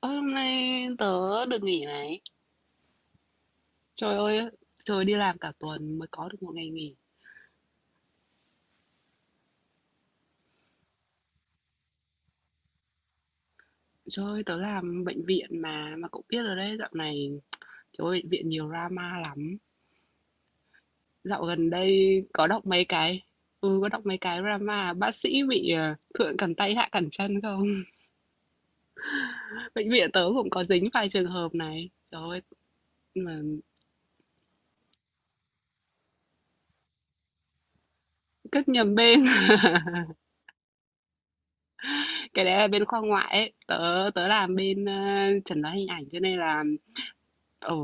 Ơ, hôm nay tớ được nghỉ này. Trời ơi, trời đi làm cả tuần mới có được một ngày nghỉ. Trời ơi, tớ làm bệnh viện mà cậu biết rồi đấy, dạo này trời ơi, bệnh viện nhiều drama lắm. Dạo gần đây có đọc mấy cái. Ừ, có đọc mấy cái drama bác sĩ bị thượng cẳng tay hạ cẳng chân không? Bệnh viện tớ cũng có dính vài trường hợp này. Trời ơi, mà cất nhầm bên, cái đấy là bên khoa ngoại ấy. Tớ tớ làm bên chẩn đoán hình ảnh cho nên là ừ,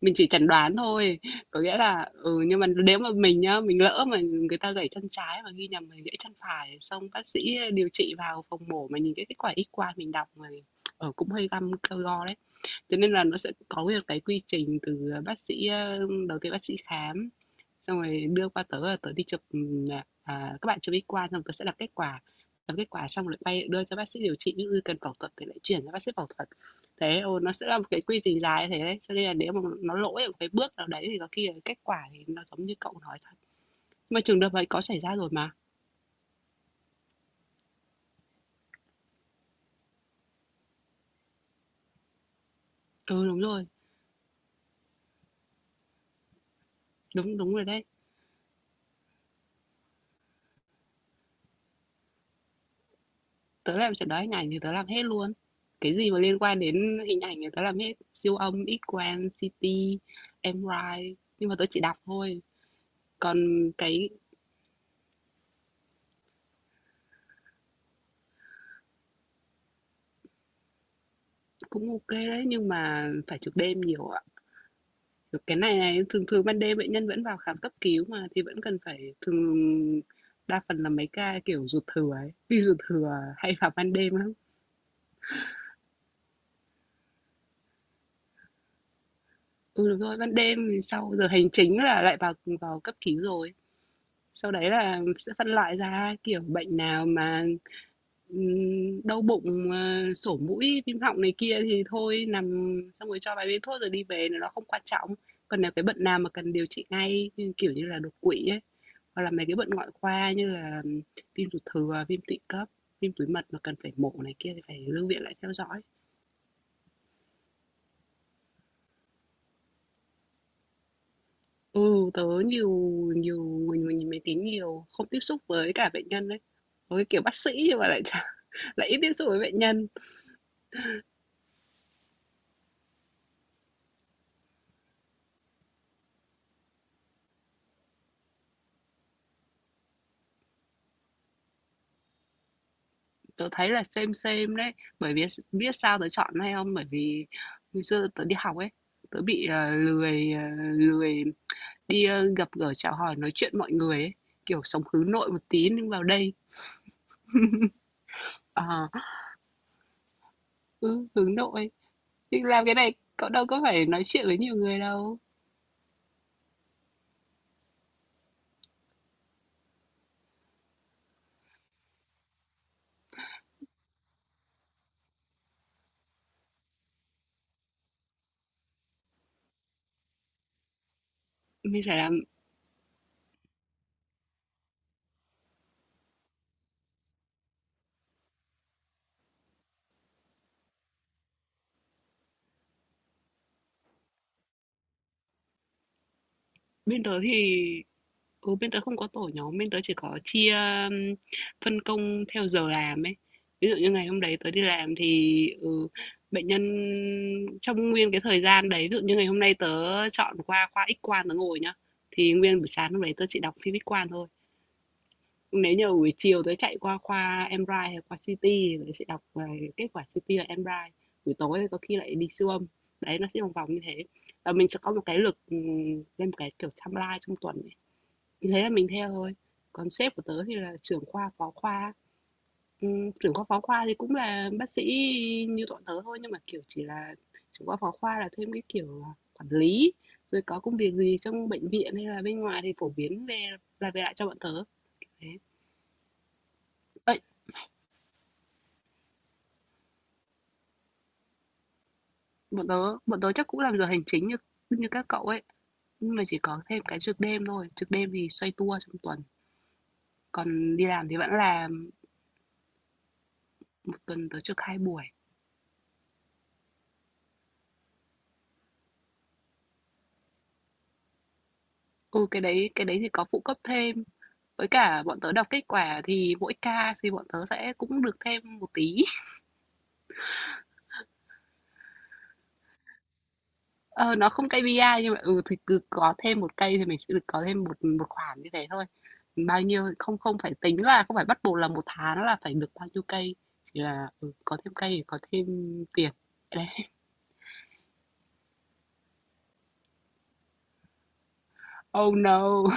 mình chỉ chẩn đoán thôi, có nghĩa là ừ, nhưng mà nếu mà mình nhá, mình lỡ mà người ta gãy chân trái mà ghi nhầm mình gãy chân phải, xong bác sĩ điều trị vào phòng mổ mà nhìn cái kết quả X-quang mình đọc mà ừ, cũng hơi găm cơ go đấy, cho nên là nó sẽ có nguyên một cái quy trình từ, bác sĩ, đầu tiên bác sĩ khám, xong rồi đưa qua tớ là tớ đi chụp, à, à, các bạn chụp X-quang xong tớ sẽ đọc kết quả xong lại bay đưa cho bác sĩ điều trị, ví dụ cần phẫu thuật thì lại chuyển cho bác sĩ phẫu thuật. Thế, ừ, nó sẽ là một cái quy trình dài thế đấy, cho nên là nếu mà nó lỗi ở một cái bước nào đấy thì có khi là kết quả thì nó giống như cậu nói thật. Nhưng mà trường hợp ấy có xảy ra rồi mà. Ừ, đúng rồi, đúng, đúng rồi đấy. Tớ làm chẩn đoán hình ảnh thì tớ làm hết luôn. Cái gì mà liên quan đến hình ảnh thì tớ làm hết, siêu âm, X-quang, CT, MRI, nhưng mà tớ chỉ đọc thôi. Còn cái cũng ok đấy nhưng mà phải trực đêm nhiều ạ. Cái này này thường thường ban đêm bệnh nhân vẫn vào khám cấp cứu mà thì vẫn cần phải thường đa phần là mấy ca kiểu ruột thừa ấy, vì ruột thừa hay vào ban đêm lắm. Ừ đúng rồi, ban đêm thì sau giờ hành chính là lại vào, vào cấp cứu rồi. Sau đấy là sẽ phân loại ra kiểu bệnh nào mà ừm, đau bụng, sổ mũi, viêm họng này kia thì thôi nằm xong rồi cho vài viên thuốc rồi đi về nó không quan trọng. Còn nếu cái bệnh nào mà cần điều trị ngay như, kiểu như là, đột quỵ ấy, hoặc là mấy cái bệnh ngoại khoa như là viêm ruột thừa, viêm tụy cấp, viêm túi mật mà cần phải mổ này kia thì phải lưu viện lại theo dõi. Ừ, tớ nhiều, nhiều người nhìn máy tính nhiều, không tiếp xúc với cả bệnh nhân đấy. Với kiểu bác sĩ nhưng mà lại chả, lại ít tiếp xúc với bệnh nhân. Tớ thấy là xem đấy, bởi vì biết sao tớ chọn hay không? Bởi vì ngày xưa tớ đi học ấy, tớ bị, lười, lười đi, ơ, gặp gỡ, chào hỏi, nói chuyện mọi người ấy, kiểu, sống hướng nội một tí nhưng vào đây ờ, ừ, hướng nội, nhưng làm cái này cậu đâu có phải nói chuyện với nhiều người đâu. Mình phải làm bên tớ thì ừ, bên tớ không có tổ nhóm, bên tớ chỉ có chia um, phân công theo giờ làm ấy. Ví dụ như ngày hôm đấy tớ đi làm thì ừ, bệnh nhân trong nguyên cái thời gian đấy, ví dụ như ngày hôm nay tớ chọn qua khoa X quang tớ ngồi nhá, thì nguyên buổi sáng hôm đấy tớ chỉ đọc phim X quang thôi. Nếu như buổi chiều tớ chạy qua khoa MRI hay khoa CT thì tớ sẽ đọc về kết quả CT và MRI. Buổi tối thì có khi lại đi siêu âm. Đấy, nó sẽ vòng vòng như thế. Và mình sẽ có một cái lịch ừ, lên một cái kiểu timeline trong tuần ấy thì thế là mình theo thôi. Còn sếp của tớ thì là trưởng khoa phó khoa. Trưởng khoa phó khoa thì cũng là bác sĩ như bọn tớ thôi nhưng mà kiểu chỉ là trưởng khoa phó khoa là thêm cái kiểu là quản lý, rồi có công việc gì trong bệnh viện hay là bên ngoài thì phổ biến về, là về lại cho bọn tớ. Thế ấy, bọn tớ bọn tớ chắc cũng làm giờ hành chính như như các cậu ấy, nhưng mà chỉ có thêm cái trực đêm thôi, trực đêm thì xoay tua trong tuần, còn đi làm thì vẫn làm, một tuần tớ trực hai buổi. Ừ, cái đấy thì có phụ cấp thêm. Với cả bọn tớ đọc kết quả thì mỗi ca thì bọn tớ sẽ cũng được thêm một tí. Ờ, nó không KPI nhưng mà ừ thì cứ có thêm một cây thì mình sẽ được có thêm một một khoản như thế thôi. Bao nhiêu không, không phải tính là không phải bắt buộc là một tháng là phải được bao nhiêu cây, chỉ là ừ, có thêm cây thì có thêm tiền. Đấy. Oh no.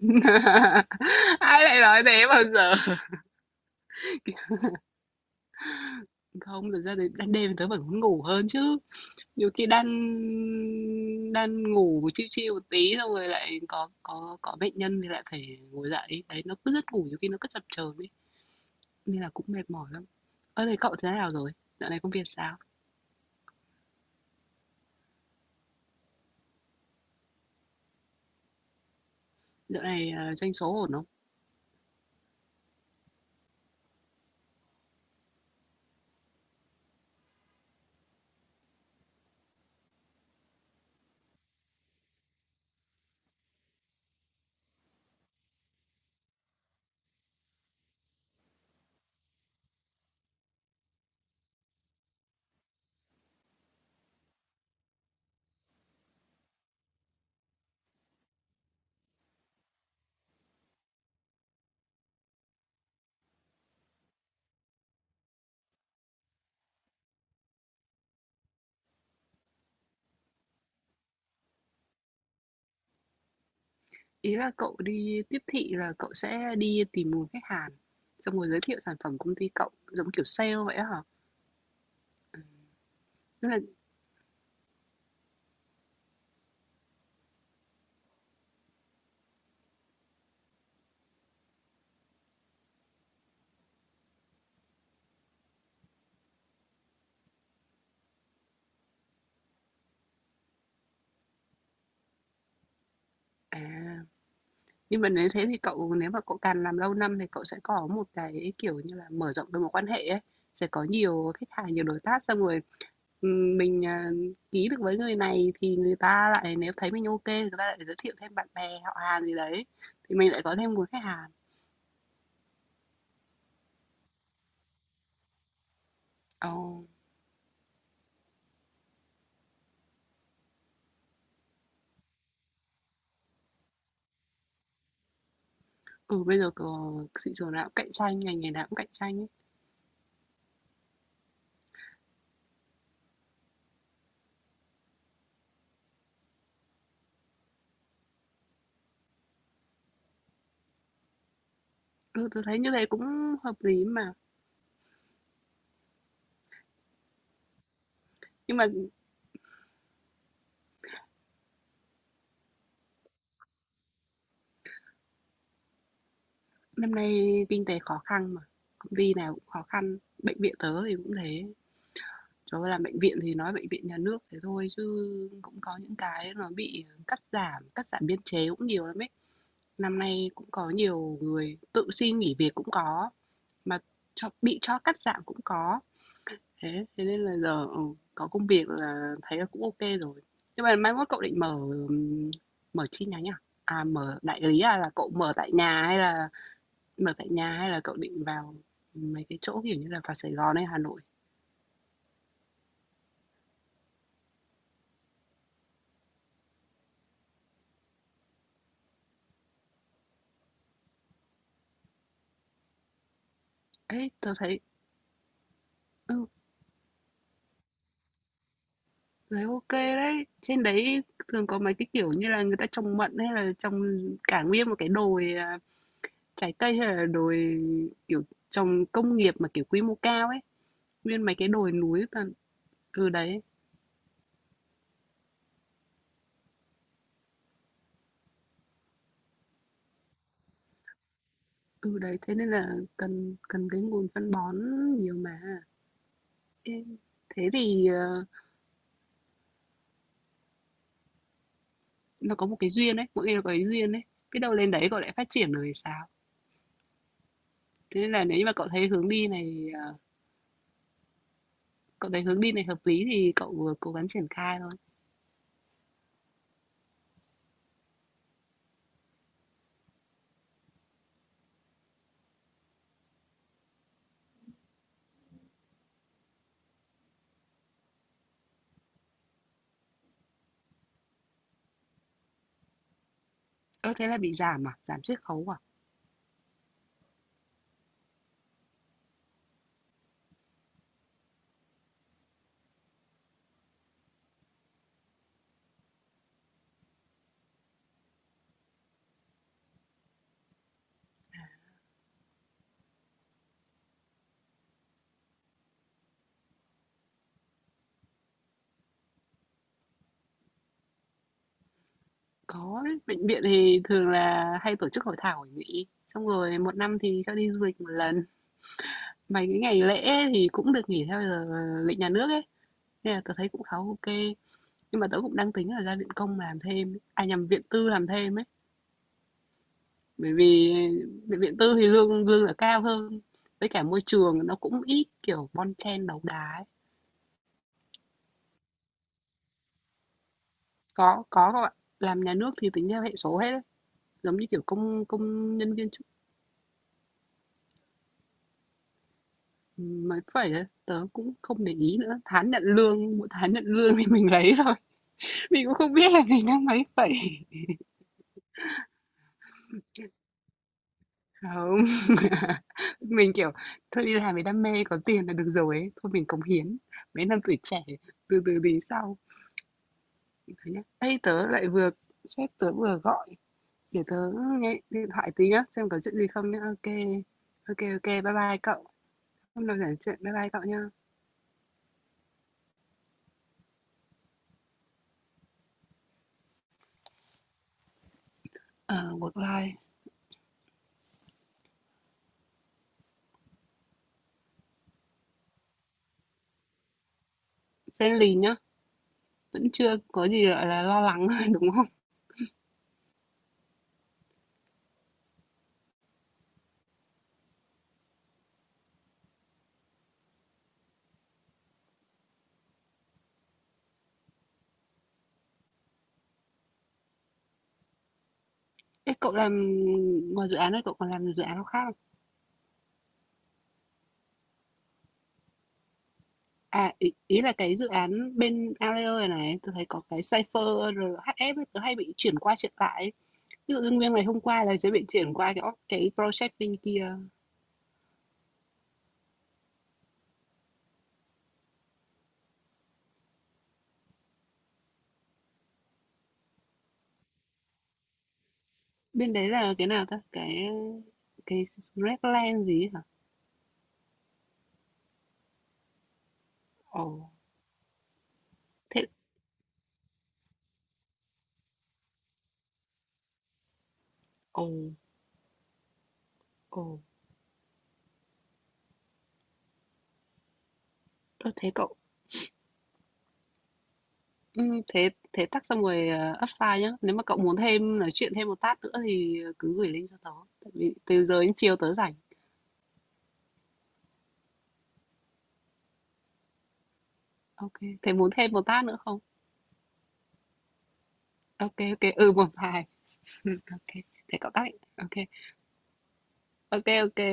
Ai lại nói thế bao giờ? Không, thực ra thì đêm tớ vẫn muốn ngủ hơn chứ. Nhiều khi đang đang ngủ chiêu chiêu một tí xong rồi lại có có bệnh nhân thì lại phải ngồi dậy, đấy nó cứ giấc ngủ nhiều khi nó cứ chập chờn ấy, nên là cũng mệt mỏi lắm. Ơ thế cậu thế nào rồi, dạo này công việc sao, dạo này doanh số ổn không? Ý là cậu đi tiếp thị là cậu sẽ đi tìm nguồn khách hàng xong rồi giới thiệu sản phẩm công ty cậu giống kiểu sale vậy á hả? Tức là à. Nhưng mà nếu thế thì cậu, nếu mà cậu càng làm lâu năm thì cậu sẽ có một cái, kiểu như là, mở rộng được mối quan hệ ấy, sẽ có nhiều khách hàng, nhiều đối tác xong rồi, mình, à, ký được với người này thì người ta lại nếu thấy mình ok kê người ta lại giới thiệu thêm bạn bè, họ hàng gì đấy, thì mình lại có thêm nguồn khách hàng. Ờ, ừ, bây giờ c, thị trường nào cũng cạnh tranh, ngành nghề nào cũng cạnh tranh ấy. Ừ, tớ thấy như thế cũng hợp lý mà. Nhưng mà năm nay kinh tế khó khăn mà, công ty nào cũng khó khăn, bệnh viện tớ thì cũng thế. Trời, làm bệnh viện thì nói bệnh viện nhà nước thế thôi chứ cũng có những cái nó bị cắt giảm biên chế cũng nhiều lắm ấy. Năm nay cũng có nhiều người tự xin nghỉ việc cũng có, mà cho bị cho cắt giảm cũng có. Thế thế nên là giờ ừ, có công việc là thấy là cũng ok rồi. Nhưng mà mai mốt cậu định mở, mở chi nhánh à? À mở đại lý à, là cậu mở tại nhà hay là mở tại nhà, hay là cậu định vào mấy cái chỗ kiểu như là vào Sài Gòn hay Hà Nội? Ấy, tôi thấy ừ, đấy, OK đấy. Trên đấy thường có mấy cái, kiểu như là, người ta trồng mận hay là trồng cả nguyên một cái đồi, à, trái cây hay là đồi, kiểu, trồng công nghiệp mà, kiểu, quy mô cao ấy, nguyên mấy cái đồi núi và từ đấy, thế nên là cần cần cái nguồn phân bón nhiều mà. Ê, thế thì, nó có một cái duyên ấy, mỗi người có cái duyên ấy, biết đâu lên đấy cậu lại phát triển rồi thì sao? Thế nên là nếu như mà cậu thấy hướng đi này, à, cậu thấy hướng đi này hợp lý thì cậu, vừa cố gắng triển khai thôi. Ơ, thế là bị giảm à? Giảm chiết khấu à? Có đấy, bệnh viện thì thường là hay tổ chức hội thảo hội nghị, xong rồi một năm thì cho đi du lịch một lần. Mấy cái ngày lễ thì cũng được nghỉ theo giờ lịch nhà nước ấy, nên là tớ thấy cũng khá ok. Nhưng mà tớ cũng đang tính là ra viện công làm thêm ấy, à, nhầm, viện tư làm thêm ấy, bởi vì bệnh viện tư thì lương lương là cao hơn, với cả môi trường nó cũng ít, kiểu, bon chen đấu đá ấy. Có các bạn. Làm nhà nước thì tính theo hệ số hết ấy, giống như, kiểu, công công nhân viên. Phải vậy, tớ cũng không để ý nữa, tháng nhận lương, mỗi tháng nhận lương thì mình lấy thôi, mình cũng không biết là mình đang mấy phẩy. Không, mình, kiểu, thôi đi làm vì đam mê, có tiền là được rồi ấy, thôi mình cống hiến, mấy năm tuổi trẻ, từ từ đi sau. Nhá. Ê, tớ lại vừa, sếp tớ vừa gọi, để tớ nghe điện thoại tí nhá, xem có chuyện gì không nhá. Ok ok ok, bye bye cậu, hôm nào rảnh chuyện, bye bye cậu nhá. Ờ, work life friendly nhá, vẫn chưa có gì, gọi là, lo lắng, đúng không? Thế cậu làm ngoài dự án này cậu còn làm dự án nào khác không? À ý, ý là cái dự án bên Audio này này, tôi thấy có cái Cypher rồi HF ấy, tớ hay bị chuyển qua chuyển lại. Ấy. Ví dụ như nguyên ngày hôm qua là sẽ bị chuyển qua cái project bên kia. Bên đấy là cái nào ta? Cái Redland gì ấy hả? Ồ, thế ồ ồ, tôi thấy cậu ừ, thế thế tắt xong rồi apply nhá. Nếu mà cậu muốn thêm nói chuyện thêm một tát nữa thì cứ gửi link cho tớ. Tại vì từ giờ đến chiều tớ rảnh. Ok kê, thế muốn thêm một bát nữa không? Ok ok ừ, một vài. Ok ô kê, thế cậu tắt đi. Ô kê, ô kê,